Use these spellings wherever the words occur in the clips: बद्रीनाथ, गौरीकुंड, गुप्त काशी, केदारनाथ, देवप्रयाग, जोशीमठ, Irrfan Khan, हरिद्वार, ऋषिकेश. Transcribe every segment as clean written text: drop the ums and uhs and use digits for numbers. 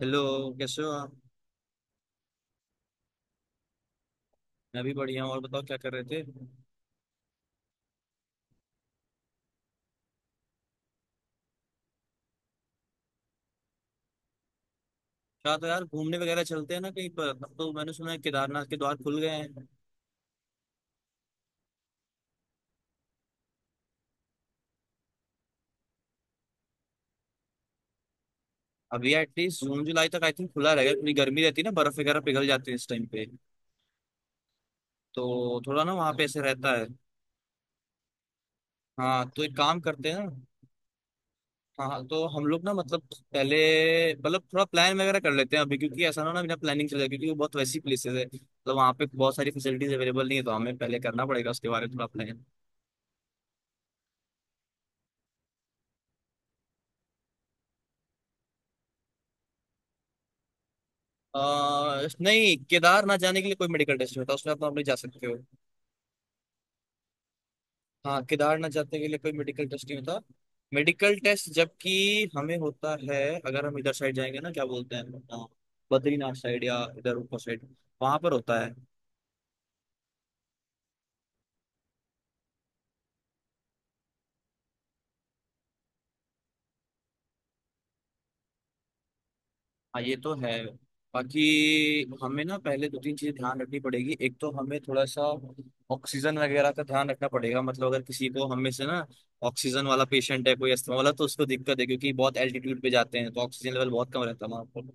Hello. कैसे हो आप? मैं भी बढ़िया हूँ। और बताओ क्या कर रहे थे? क्या तो यार घूमने वगैरह चलते हैं ना कहीं पर। अब तो मैंने सुना है केदारनाथ के द्वार खुल गए हैं। अभी एटलीस्ट जून जुलाई तक आई थिंक खुला रहेगा। इतनी गर्मी रहती है ना बर्फ वगैरह पिघल जाती है इस टाइम पे। तो थोड़ा ना वहाँ पे ऐसे रहता है। हाँ तो एक काम करते हैं ना। हाँ तो हम लोग ना मतलब पहले मतलब थोड़ा प्लान वगैरह कर लेते हैं अभी, क्योंकि ऐसा ना हो ना बिना प्लानिंग चले जाए, क्योंकि वो बहुत वैसी प्लेसेस है मतलब वहाँ पे बहुत सारी फैसिलिटीज अवेलेबल नहीं है, तो हमें पहले करना पड़ेगा उसके बारे में थोड़ा प्लान। नहीं केदारनाथ जाने के लिए कोई मेडिकल टेस्ट नहीं होता, उसमें आप नॉर्मली जा सकते हो। हाँ केदारनाथ जाने के लिए कोई मेडिकल टेस्ट नहीं होता। मेडिकल टेस्ट जबकि हमें होता है अगर हम इधर साइड जाएंगे ना। क्या बोलते हैं अ, बद्रीनाथ साइड या इधर ऊपर साइड वहां पर होता है। हाँ ये तो है। बाकी हमें ना पहले दो तीन चीजें ध्यान रखनी पड़ेगी। एक तो हमें थोड़ा सा ऑक्सीजन वगैरह का ध्यान रखना पड़ेगा, मतलब अगर किसी को हम में से ना ऑक्सीजन वाला पेशेंट है, कोई अस्थमा वाला, तो उसको दिक्कत है क्योंकि बहुत एल्टीट्यूड पे जाते हैं तो ऑक्सीजन लेवल बहुत कम रहता है वहाँ पर।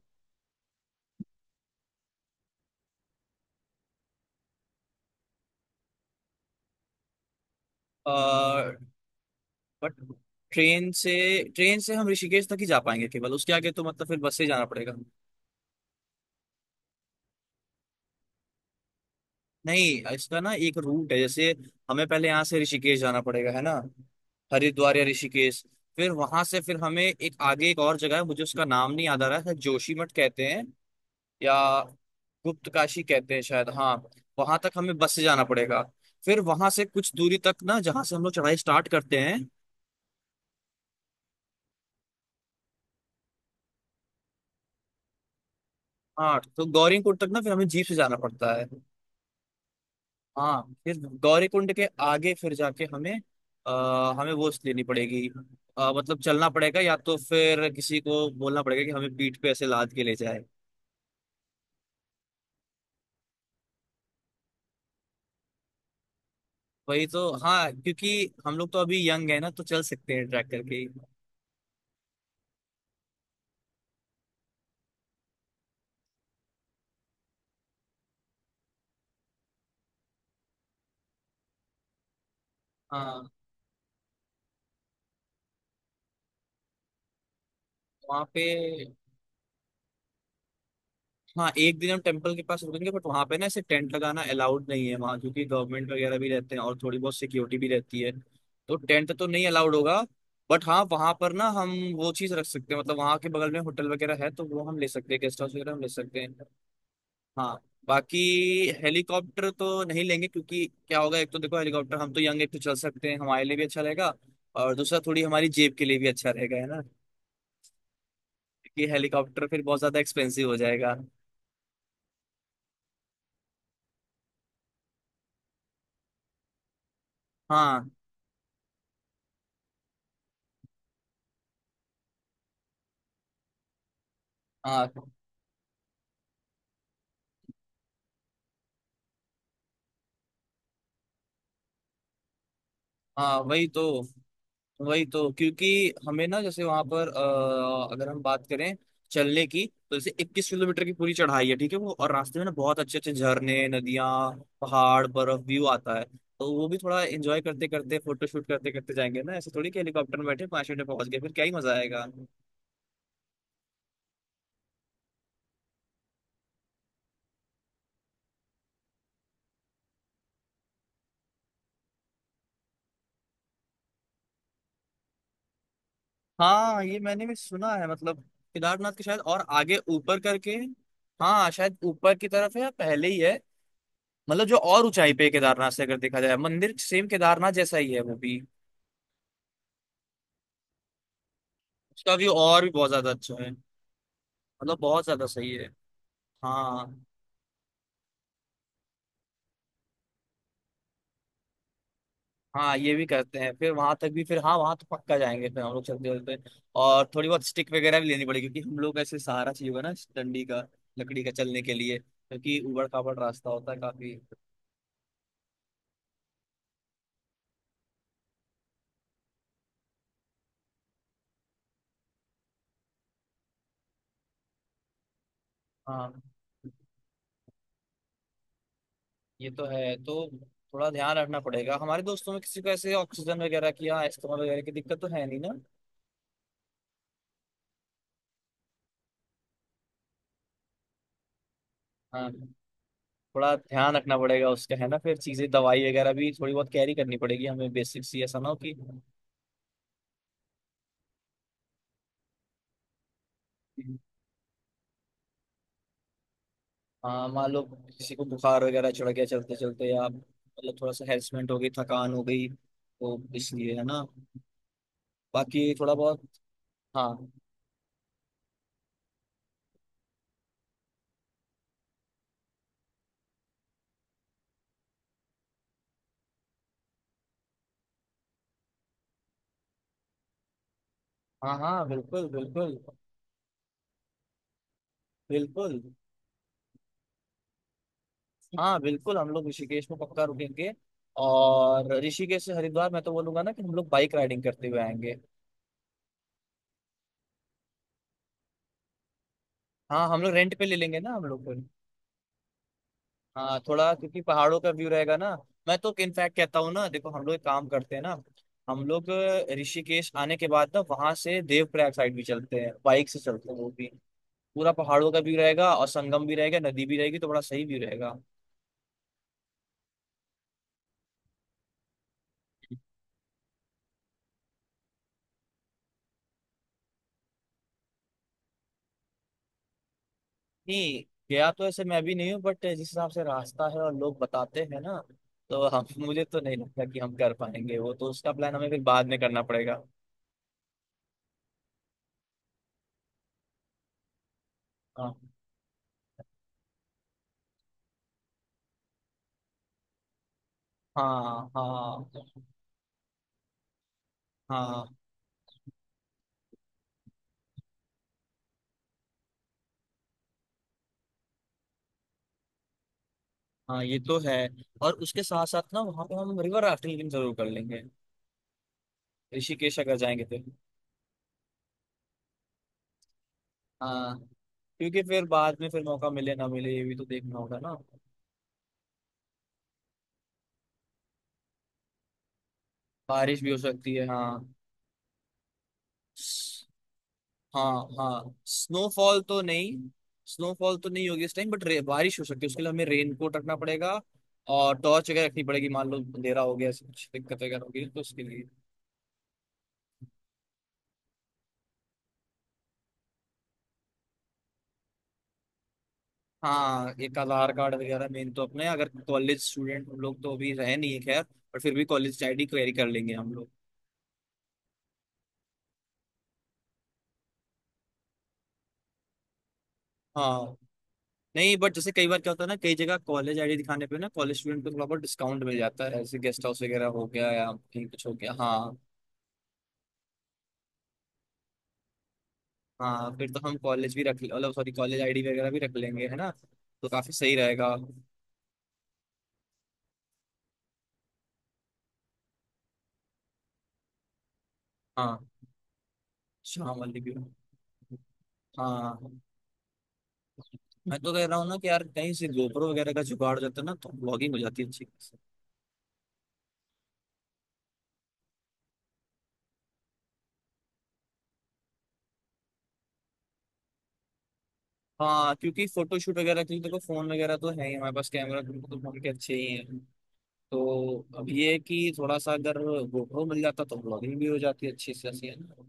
बट ट्रेन से ट्रेन से हम ऋषिकेश तक ही जा पाएंगे केवल, उसके आगे तो मतलब फिर बस से ही जाना पड़ेगा। नहीं इसका ना एक रूट है। जैसे हमें पहले यहाँ से ऋषिकेश जाना पड़ेगा है ना, हरिद्वार या ऋषिकेश। फिर वहां से फिर हमें एक आगे एक और जगह है, मुझे उसका नाम नहीं याद आ रहा है, शायद जोशीमठ कहते हैं या गुप्त काशी कहते हैं शायद। हाँ वहां तक हमें बस से जाना पड़ेगा। फिर वहां से कुछ दूरी तक ना जहाँ से हम लोग चढ़ाई स्टार्ट करते हैं। हाँ तो गौरीकुंड तक ना फिर हमें जीप से जाना पड़ता है। हाँ फिर गौरी कुंड के आगे फिर जाके हमें हमें वो लेनी पड़ेगी, मतलब चलना पड़ेगा या तो फिर किसी को बोलना पड़ेगा कि हमें पीठ पे ऐसे लाद के ले जाए। वही तो, हाँ क्योंकि हम लोग तो अभी यंग है ना तो चल सकते हैं ट्रैक करके ही। हाँ वहाँ पे। हाँ एक दिन हम टेम्पल के पास रुकेंगे बट वहां पे ना ऐसे टेंट लगाना अलाउड नहीं है वहां, क्योंकि गवर्नमेंट वगैरह भी रहते हैं और थोड़ी बहुत सिक्योरिटी भी रहती है। तो टेंट तो नहीं अलाउड होगा। बट हाँ वहां पर ना हम वो चीज रख सकते हैं, मतलब वहां के बगल में होटल वगैरह है तो वो हम ले सकते हैं, गेस्ट हाउस वगैरह हम ले सकते हैं। हाँ। बाकी हेलीकॉप्टर तो नहीं लेंगे क्योंकि क्या होगा, एक तो देखो हेलीकॉप्टर, हम तो यंग, एक तो चल सकते हैं हमारे लिए भी अच्छा रहेगा, और दूसरा थोड़ी हमारी जेब के लिए भी अच्छा रहेगा है ना, क्योंकि हेलीकॉप्टर फिर बहुत ज्यादा एक्सपेंसिव हो जाएगा। हाँ। हाँ, हाँ। वही तो, वही तो, क्योंकि हमें ना जैसे वहां पर अगर हम बात करें चलने की, तो जैसे 21 किलोमीटर की पूरी चढ़ाई है, ठीक है वो, और रास्ते में ना बहुत अच्छे अच्छे झरने, नदियाँ, पहाड़, बर्फ व्यू आता है, तो वो भी थोड़ा एंजॉय करते करते फोटो शूट करते करते जाएंगे ना। ऐसे थोड़ी कि हेलीकॉप्टर में बैठे 5 मिनट में पहुंच गए, फिर क्या ही मजा आएगा। हाँ ये मैंने भी सुना है, मतलब केदारनाथ के शायद और आगे ऊपर करके। हाँ शायद ऊपर की तरफ है या पहले ही है, मतलब जो और ऊंचाई पे है केदारनाथ से, अगर देखा जाए मंदिर सेम केदारनाथ जैसा ही है वो भी। उसका व्यू और भी बहुत ज्यादा अच्छा है, मतलब बहुत ज्यादा सही है। हाँ। हाँ ये भी करते हैं फिर वहां तक भी, फिर हाँ वहां तो पक्का जाएंगे फिर हम लोग चलते चलते। और थोड़ी बहुत स्टिक वगैरह भी लेनी पड़ेगी, क्योंकि हम लोग ऐसे सहारा चाहिए होगा ना इस डंडी का, लकड़ी का, चलने के लिए, क्योंकि ऊबड़ खाबड़ रास्ता होता है काफी। हाँ ये तो है। तो थोड़ा ध्यान रखना पड़ेगा हमारे दोस्तों में किसी को ऐसे ऑक्सीजन वगैरह की या अस्थमा वगैरह की दिक्कत तो है नहीं ना। हाँ थोड़ा ध्यान रखना पड़ेगा उसका है ना, फिर चीजें दवाई वगैरह भी थोड़ी बहुत कैरी करनी पड़ेगी हमें बेसिक सी, ऐसा ना हो कि। हाँ मान लो किसी को बुखार वगैरह चढ़ गया चलते चलते, या मतलब थोड़ा सा हेरसमेंट हो गई, थकान हो गई, तो इसलिए है ना। बाकी थोड़ा बहुत। हाँ। हाँ, हाँ, बिल्कुल बिल्कुल। बिल्कुल। हाँ बिल्कुल हम लोग ऋषिकेश में पक्का रुकेंगे। और ऋषिकेश से हरिद्वार मैं तो बोलूंगा ना कि हम लोग बाइक राइडिंग करते हुए आएंगे। हाँ हम लोग रेंट पे ले लेंगे ना हम लोग। हाँ थोड़ा क्योंकि पहाड़ों का व्यू रहेगा ना। मैं तो इनफैक्ट कहता हूँ ना, देखो हम लोग एक काम करते हैं ना। हम लोग ऋषिकेश आने के बाद ना वहां से देवप्रयाग साइड भी चलते हैं, बाइक से चलते हैं वो भी। पूरा पहाड़ों का व्यू रहेगा और संगम भी रहेगा, नदी भी रहेगी, तो बड़ा सही व्यू रहेगा। नहीं गया तो ऐसे मैं भी नहीं हूँ, बट जिस हिसाब से रास्ता है और लोग बताते हैं ना, तो हम, मुझे तो नहीं लगता कि हम कर पाएंगे वो, तो उसका प्लान हमें फिर बाद में करना पड़ेगा। हाँ। हाँ, हाँ। हाँ। हाँ ये तो है। और उसके साथ साथ ना वहाँ पे हम रिवर राफ्टिंग जरूर कर लेंगे ऋषिकेश अगर जाएंगे तो। हाँ क्योंकि फिर बाद में फिर मौका मिले ना मिले ये भी तो देखना होगा ना। बारिश भी हो सकती है हाँ। हाँ, हाँ। स्नोफॉल तो नहीं, स्नोफॉल तो नहीं होगी इस टाइम, बट बारिश हो सकती है, उसके लिए हमें रेनकोट रखना पड़ेगा। और टॉर्च वगैरह रखनी पड़ेगी, मान लो अंधेरा हो गया ऐसी कुछ दिक्कत वगैरह होगी तो उसके लिए। हाँ एक आधार कार्ड वगैरह मेन तो, अपने अगर कॉलेज स्टूडेंट हम लोग तो अभी रहे नहीं है खैर, पर फिर भी कॉलेज आईडी क्वेरी कर लेंगे हम लोग। हाँ नहीं बट जैसे कई बार क्या होता है ना, कई जगह कॉलेज आईडी दिखाने पे ना कॉलेज स्टूडेंट को थोड़ा बहुत डिस्काउंट मिल जाता है, ऐसे गेस्ट हाउस वगैरह हो गया या कहीं कुछ हो गया। हाँ। हाँ फिर तो हम कॉलेज भी रख मतलब सॉरी कॉलेज आईडी वगैरह भी रख लेंगे है ना, तो काफी सही रहेगा। हाँ शाम वाली भी। हाँ मैं तो कह रहा हूँ ना कि यार कहीं से गोप्रो वगैरह का जुगाड़ हो जाता है ना तो ब्लॉगिंग हो जाती है अच्छी। हाँ क्योंकि फोटोशूट वगैरह के लिए देखो फोन वगैरह तो है ही हमारे पास, कैमरा तो फोन के अच्छे ही हैं। तो अब ये है कि थोड़ा सा अगर गोप्रो मिल जाता तो ब्लॉगिंग भी हो जाती अच्छी से अच्छी है ना।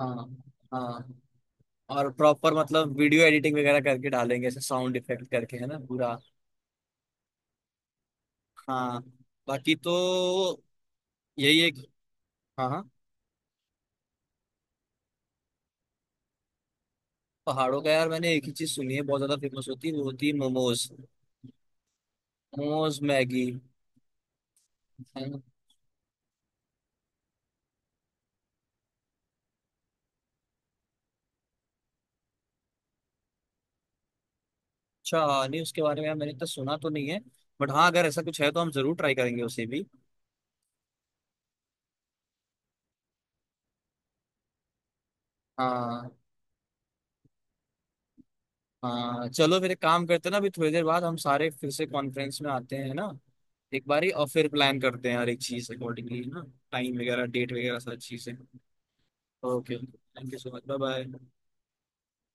हाँ। हाँ। और प्रॉपर मतलब वीडियो एडिटिंग वगैरह करके डालेंगे ऐसे साउंड इफेक्ट करके है ना पूरा। हाँ बाकी तो। यही एक। हाँ, हाँ। पहाड़ों का यार मैंने एक ही चीज सुनी है बहुत ज्यादा फेमस होती है, वो होती है मोमोज। मोमोज मैगी। अच्छा नहीं उसके बारे में यार मैंने इतना सुना तो नहीं है, बट हाँ अगर ऐसा कुछ है तो हम जरूर ट्राई करेंगे उसे भी। हाँ। हाँ चलो फिर एक काम करते हैं ना, अभी थोड़ी देर बाद हम सारे फिर से कॉन्फ्रेंस में आते हैं ना, एक बारी और फिर प्लान करते हैं हर एक चीज अकॉर्डिंगली ना, टाइम वगैरह डेट वगैरह सारी चीजें। Okay thank you so much, bye bye.